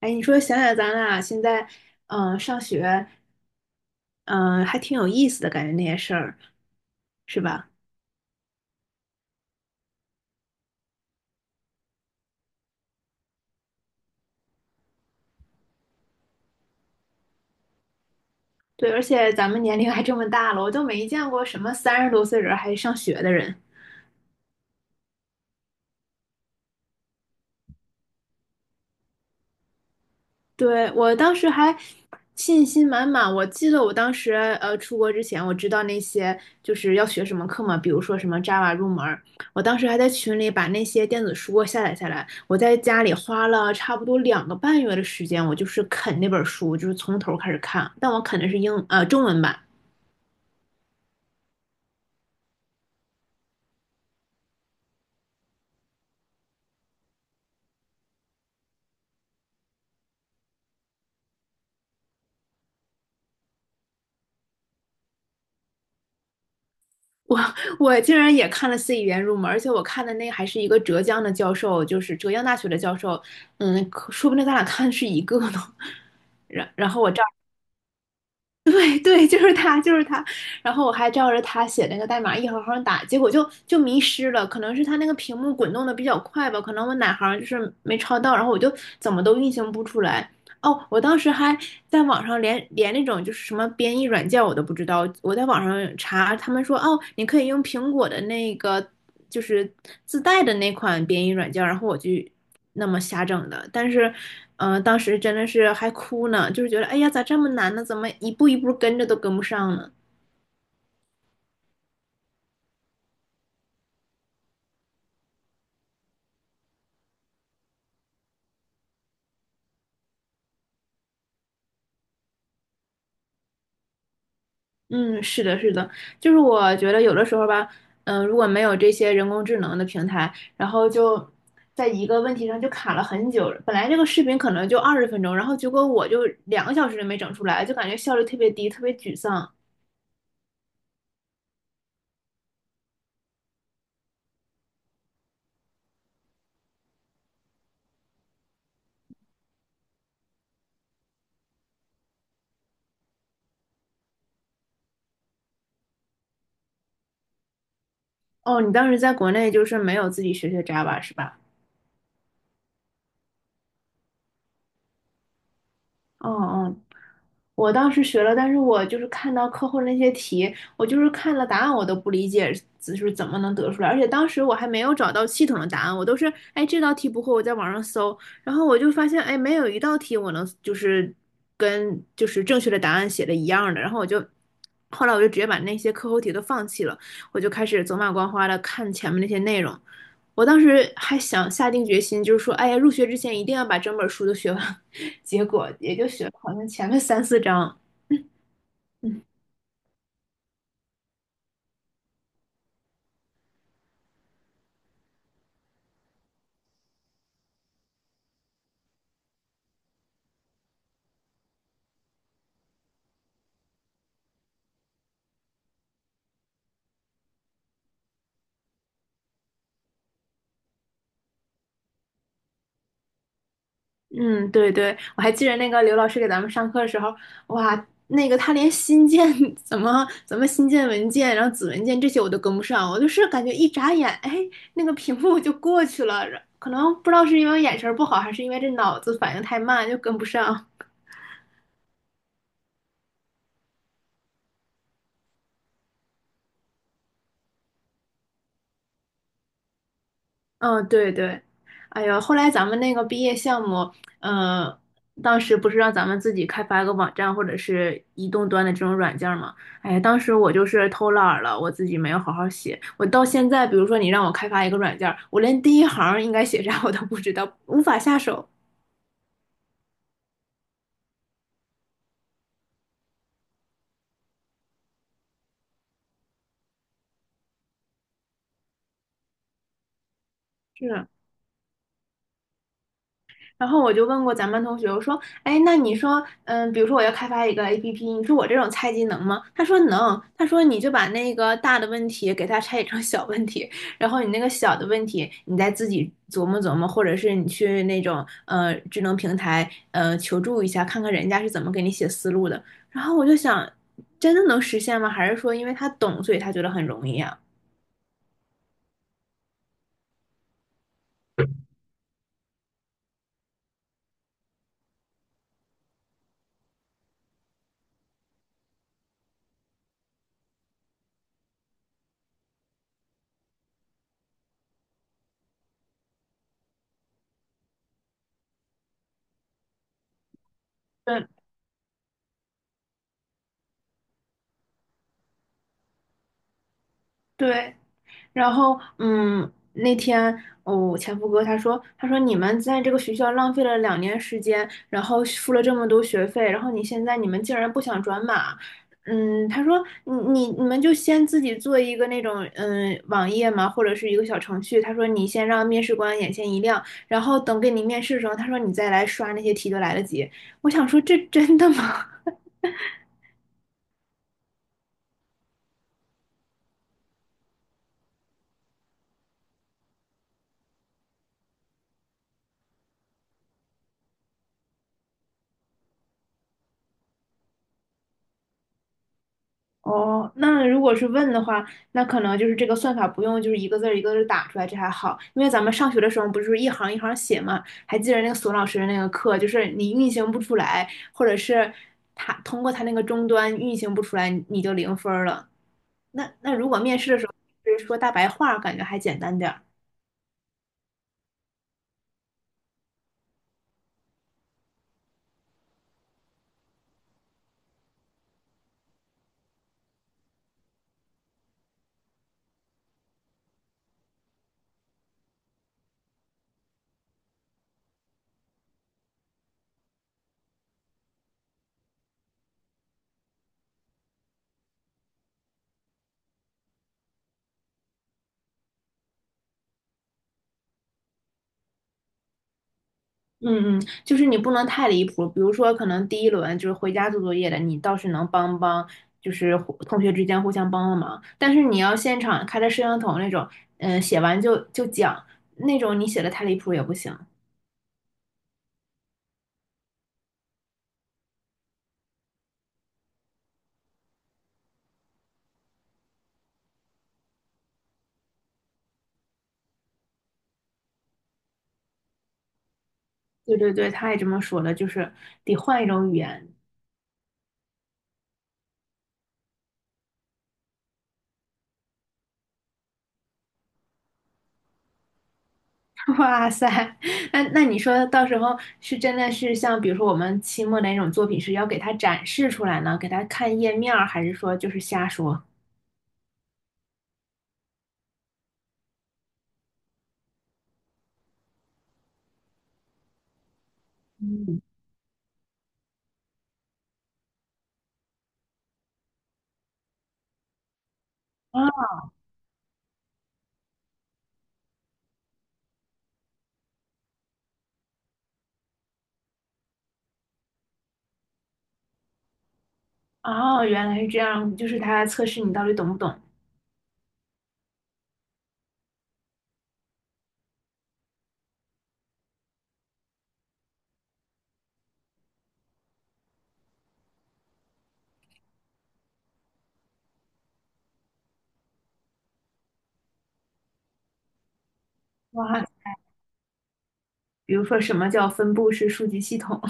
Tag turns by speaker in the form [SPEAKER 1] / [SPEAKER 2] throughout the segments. [SPEAKER 1] 哎，你说想想咱俩现在，上学，嗯、还挺有意思的感觉那些事儿，是吧？对，而且咱们年龄还这么大了，我都没见过什么30多岁人还上学的人。对，我当时还信心满满。我记得我当时出国之前，我知道那些就是要学什么课嘛，比如说什么 Java 入门儿，我当时还在群里把那些电子书下载下来。我在家里花了差不多2个半月的时间，我就是啃那本书，就是从头开始看。但我啃的是中文版，我我竟然也看了 C 语言入门，而且我看的那还是一个浙江的教授，就是浙江大学的教授，嗯，可说不定咱俩看的是一个呢。然后 对对，就是他，就是他。然后我还照着他写那个代码一行行打，结果就迷失了。可能是他那个屏幕滚动的比较快吧，可能我哪行就是没抄到，然后我就怎么都运行不出来。哦，我当时还在网上连那种就是什么编译软件我都不知道，我在网上查，他们说哦，你可以用苹果的那个就是自带的那款编译软件，然后我就那么瞎整的。但是，当时真的是还哭呢，就是觉得哎呀，咋这么难呢？怎么一步一步跟着都跟不上呢？嗯，是的，是的，就是我觉得有的时候吧，如果没有这些人工智能的平台，然后就在一个问题上就卡了很久。本来这个视频可能就20分钟，然后结果我就2个小时都没整出来，就感觉效率特别低，特别沮丧。哦，你当时在国内就是没有自己学学 Java 是吧？嗯嗯，我当时学了，但是我就是看到课后那些题，我就是看了答案，我都不理解，就是怎么能得出来。而且当时我还没有找到系统的答案，我都是，哎，这道题不会，我在网上搜，然后我就发现，哎，没有一道题我能就是跟就是正确的答案写的一样的，然后我就。后来我就直接把那些课后题都放弃了，我就开始走马观花的看前面那些内容。我当时还想下定决心，就是说，哎呀，入学之前一定要把整本书都学完。结果也就学了好像前面三四章。嗯，对对，我还记得那个刘老师给咱们上课的时候，哇，那个他连新建 怎么新建文件，然后子文件这些我都跟不上，我就是感觉一眨眼，哎，那个屏幕就过去了。可能不知道是因为眼神不好，还是因为这脑子反应太慢，就跟不上。嗯，对对，哎呀，后来咱们那个毕业项目，呃，当时不是让咱们自己开发一个网站或者是移动端的这种软件儿吗？哎呀，当时我就是偷懒儿了，我自己没有好好写。我到现在，比如说你让我开发一个软件儿，我连第一行儿应该写啥我都不知道，无法下手。是，然后我就问过咱班同学，我说，哎，那你说，比如说我要开发一个 APP，你说我这种菜鸡能吗？他说能，他说你就把那个大的问题给它拆解成小问题，然后你那个小的问题，你再自己琢磨琢磨，或者是你去那种智能平台求助一下，看看人家是怎么给你写思路的。然后我就想，真的能实现吗？还是说因为他懂，所以他觉得很容易啊？对对，然后，那天，哦，前夫哥他说，他说你们在这个学校浪费了2年时间，然后付了这么多学费，然后你现在你们竟然不想转码，嗯，他说你们就先自己做一个那种网页嘛，或者是一个小程序，他说你先让面试官眼前一亮，然后等给你面试的时候，他说你再来刷那些题都来得及。我想说这真的吗？哦，那如果是问的话，那可能就是这个算法不用就是一个字儿一个字儿打出来，这还好，因为咱们上学的时候不是一行一行写嘛，还记得那个索老师的那个课，就是你运行不出来，或者是他通过他那个终端运行不出来，你就0分儿了。那如果面试的时候就是说大白话儿感觉还简单点儿。嗯嗯，就是你不能太离谱，比如说可能第一轮就是回家做作业的，你倒是能帮帮，就是同学之间互相帮帮忙。但是你要现场开着摄像头那种，写完就讲那种，你写的太离谱也不行。对对对，他也这么说了，就是得换一种语言。哇塞，那你说到时候是真的是像比如说我们期末的那种作品是要给他展示出来呢，给他看页面儿，还是说就是瞎说？嗯。啊，哦，原来是这样，就是它来测试你到底懂不懂。哇，比如说什么叫分布式数据系统？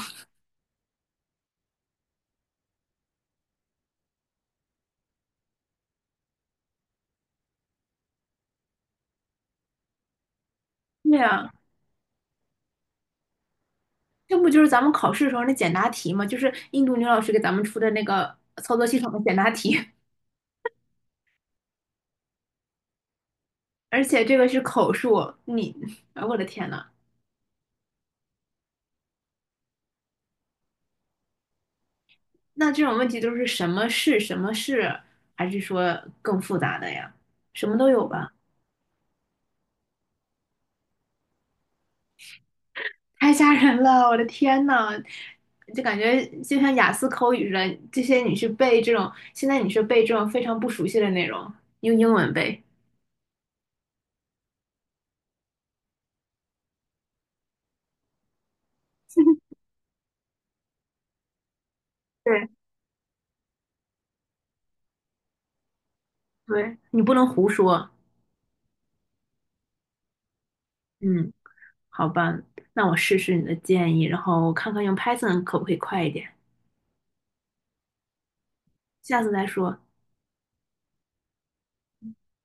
[SPEAKER 1] 对呀，这不就是咱们考试的时候那简答题吗？就是印度女老师给咱们出的那个操作系统的简答题，而且这个是口述。你，哎，我的天呐，那这种问题都是什么是什么是，还是说更复杂的呀？什么都有吧。太吓人了！我的天呐，就感觉就像雅思口语似的，这些你去背这种，现在你去背这种非常不熟悉的内容，用英文背。对对，你不能胡说。嗯，好吧，那我试试你的建议，然后看看用 Python 可不可以快一点。下次再说。